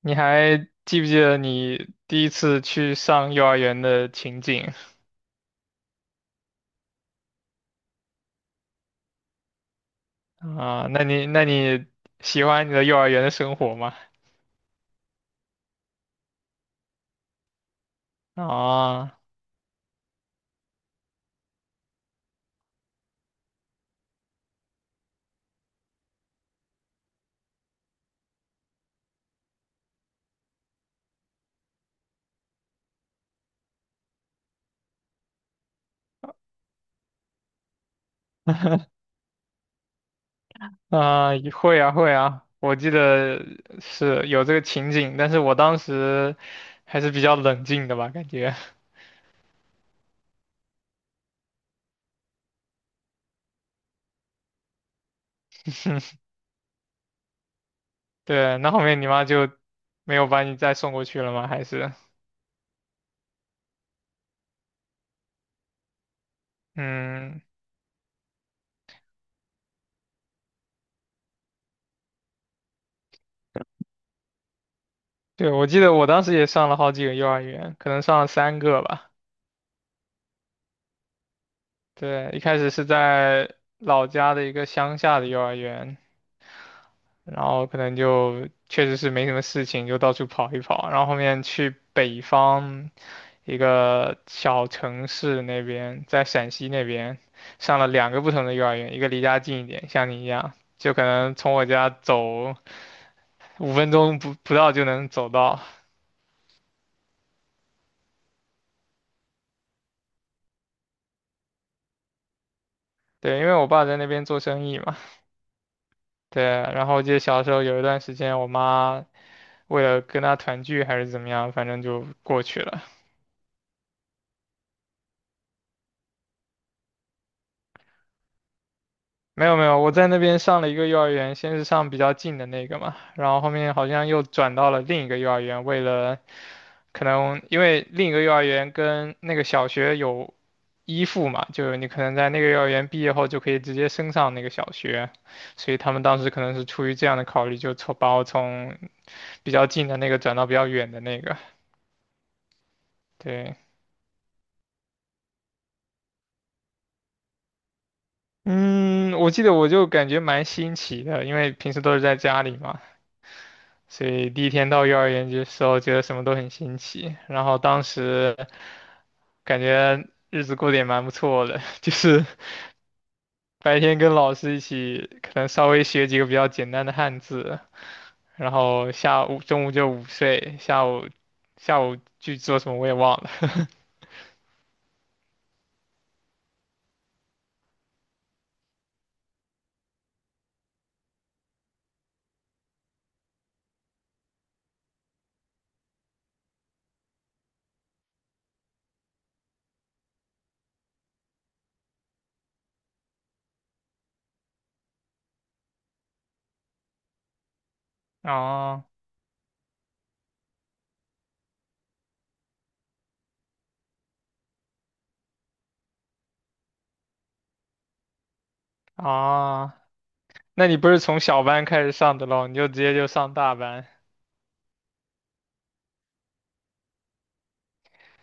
你还记不记得你第一次去上幼儿园的情景？啊？那你喜欢你的幼儿园的生活吗？啊会啊会啊，我记得是有这个情景，但是我当时还是比较冷静的吧，感觉。对，那后面你妈就没有把你再送过去了吗？还是嗯，对，我记得我当时也上了好几个幼儿园，可能上了3个吧。对，一开始是在老家的一个乡下的幼儿园，然后可能就确实是没什么事情，就到处跑一跑，然后后面去北方一个小城市那边，在陕西那边上了2个不同的幼儿园，一个离家近一点，像你一样，就可能从我家走5分钟不到就能走到。对，因为我爸在那边做生意嘛，对，然后我记得小时候有一段时间，我妈为了跟他团聚还是怎么样，反正就过去了。没有没有，我在那边上了一个幼儿园，先是上比较近的那个嘛，然后后面好像又转到了另一个幼儿园，为了可能因为另一个幼儿园跟那个小学有依附嘛，就是你可能在那个幼儿园毕业后就可以直接升上那个小学，所以他们当时可能是出于这样的考虑，就从把我从比较近的那个转到比较远的那个，对。嗯，我记得我就感觉蛮新奇的，因为平时都是在家里嘛，所以第一天到幼儿园的时候，觉得什么都很新奇。然后当时感觉日子过得也蛮不错的，就是白天跟老师一起，可能稍微学几个比较简单的汉字，然后下午中午就午睡，下午去做什么我也忘了。啊啊，那你不是从小班开始上的咯？你就直接就上大班？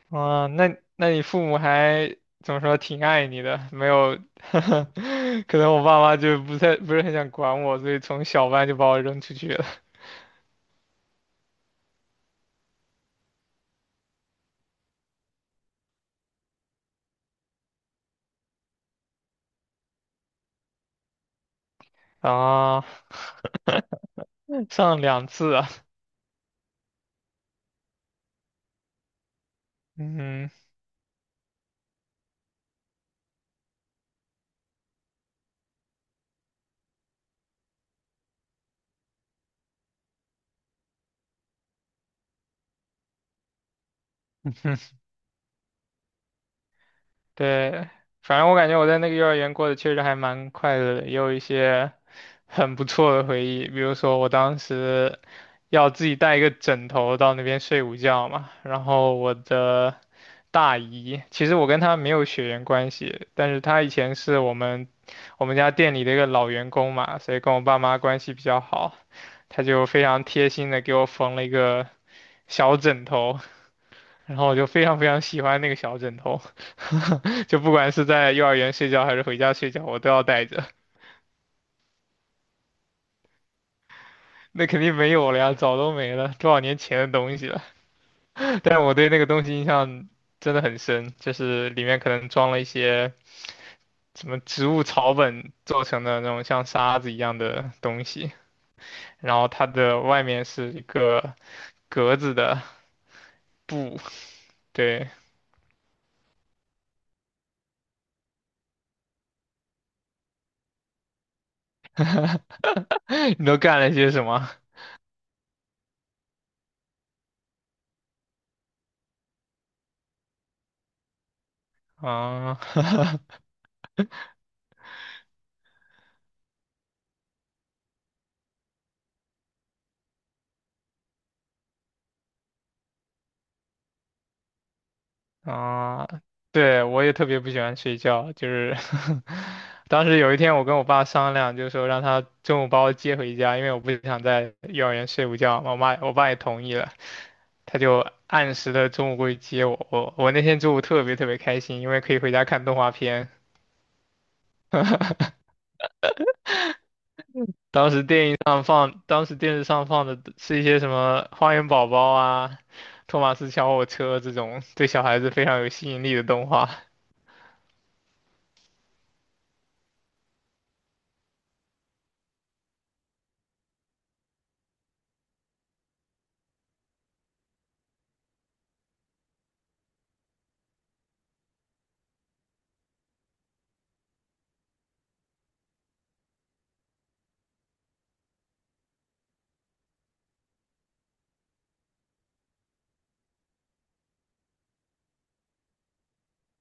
啊，那那你父母还怎么说，挺爱你的，没有。可能我爸妈就不是很想管我，所以从小班就把我扔出去了。啊，上2次啊，嗯，对，反正我感觉我在那个幼儿园过得确实还蛮快乐的，也有一些很不错的回忆。比如说，我当时要自己带一个枕头到那边睡午觉嘛，然后我的大姨，其实我跟她没有血缘关系，但是她以前是我们家店里的一个老员工嘛，所以跟我爸妈关系比较好，她就非常贴心的给我缝了一个小枕头，然后我就非常非常喜欢那个小枕头，就不管是在幼儿园睡觉还是回家睡觉，我都要带着。那肯定没有了呀，早都没了，多少年前的东西了。但我对那个东西印象真的很深，就是里面可能装了一些什么植物草本做成的那种像沙子一样的东西，然后它的外面是一个格子的布。对，你都干了些什么？啊，啊，对，我也特别不喜欢睡觉，就是 当时有一天我跟我爸商量，就是说让他中午把我接回家，因为我不想在幼儿园睡午觉嘛，我妈我爸也同意了，他就按时的中午过去接我。我那天中午特别特别开心，因为可以回家看动画片。当时电影上放，当时电视上放的是一些什么《花园宝宝》啊、《托马斯小火车》这种对小孩子非常有吸引力的动画。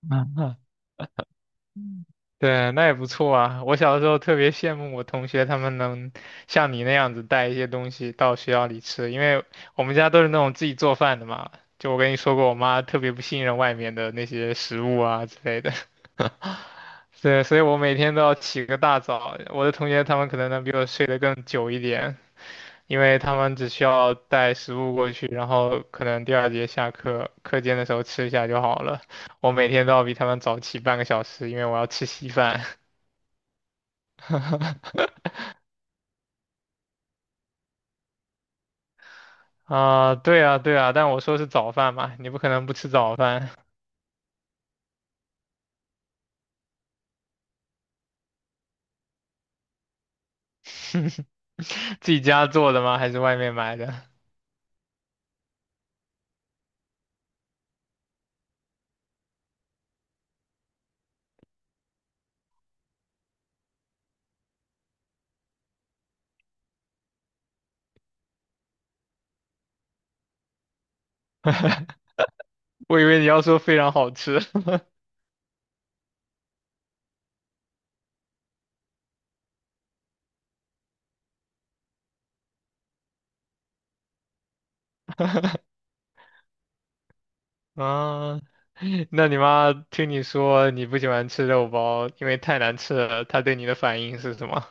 对，那也不错啊。我小时候特别羡慕我同学，他们能像你那样子带一些东西到学校里吃，因为我们家都是那种自己做饭的嘛。就我跟你说过，我妈特别不信任外面的那些食物啊之类的。对，所以我每天都要起个大早。我的同学他们可能能比我睡得更久一点，因为他们只需要带食物过去，然后可能第2节下课课间的时候吃一下就好了。我每天都要比他们早起半个小时，因为我要吃稀饭。啊，对啊，对啊，但我说是早饭嘛，你不可能不吃早饭。自己家做的吗？还是外面买的？我以为你要说非常好吃。啊，那你妈听你说你不喜欢吃肉包，因为太难吃了，她对你的反应是什么？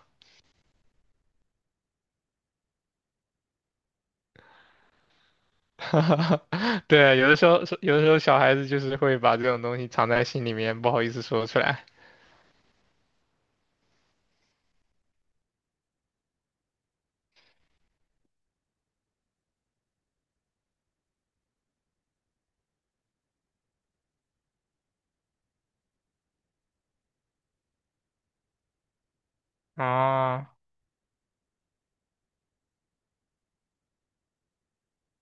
对啊，有的时候，有的时候小孩子就是会把这种东西藏在心里面，不好意思说出来。啊，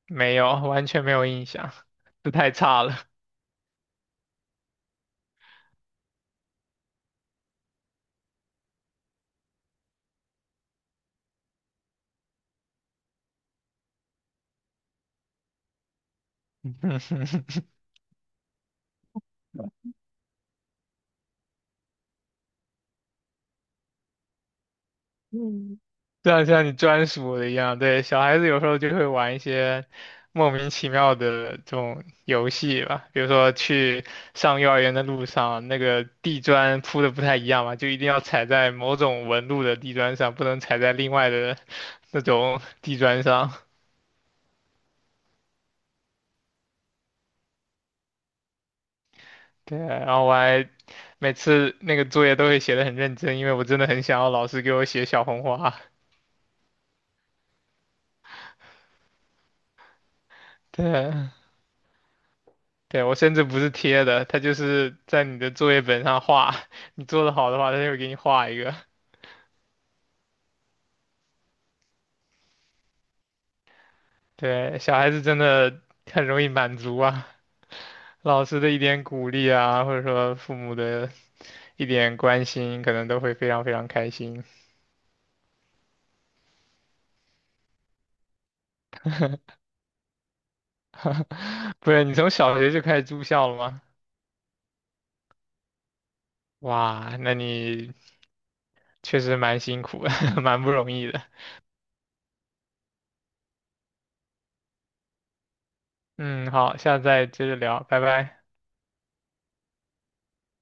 没有，完全没有印象，这太差了。嗯，像你专属的一样，对，小孩子有时候就会玩一些莫名其妙的这种游戏吧，比如说去上幼儿园的路上，那个地砖铺的不太一样嘛，就一定要踩在某种纹路的地砖上，不能踩在另外的那种 地砖上。对，然后我还每次那个作业都会写的很认真，因为我真的很想要老师给我写小红花。对，对，我甚至不是贴的，他就是在你的作业本上画，你做的好的话，他就会给你画一个。对，小孩子真的很容易满足啊，老师的一点鼓励啊，或者说父母的一点关心，可能都会非常非常开心。不是，你从小学就开始住校了吗？哇，那你确实蛮辛苦的，蛮不容易的。嗯，好，下次再接着聊，拜拜。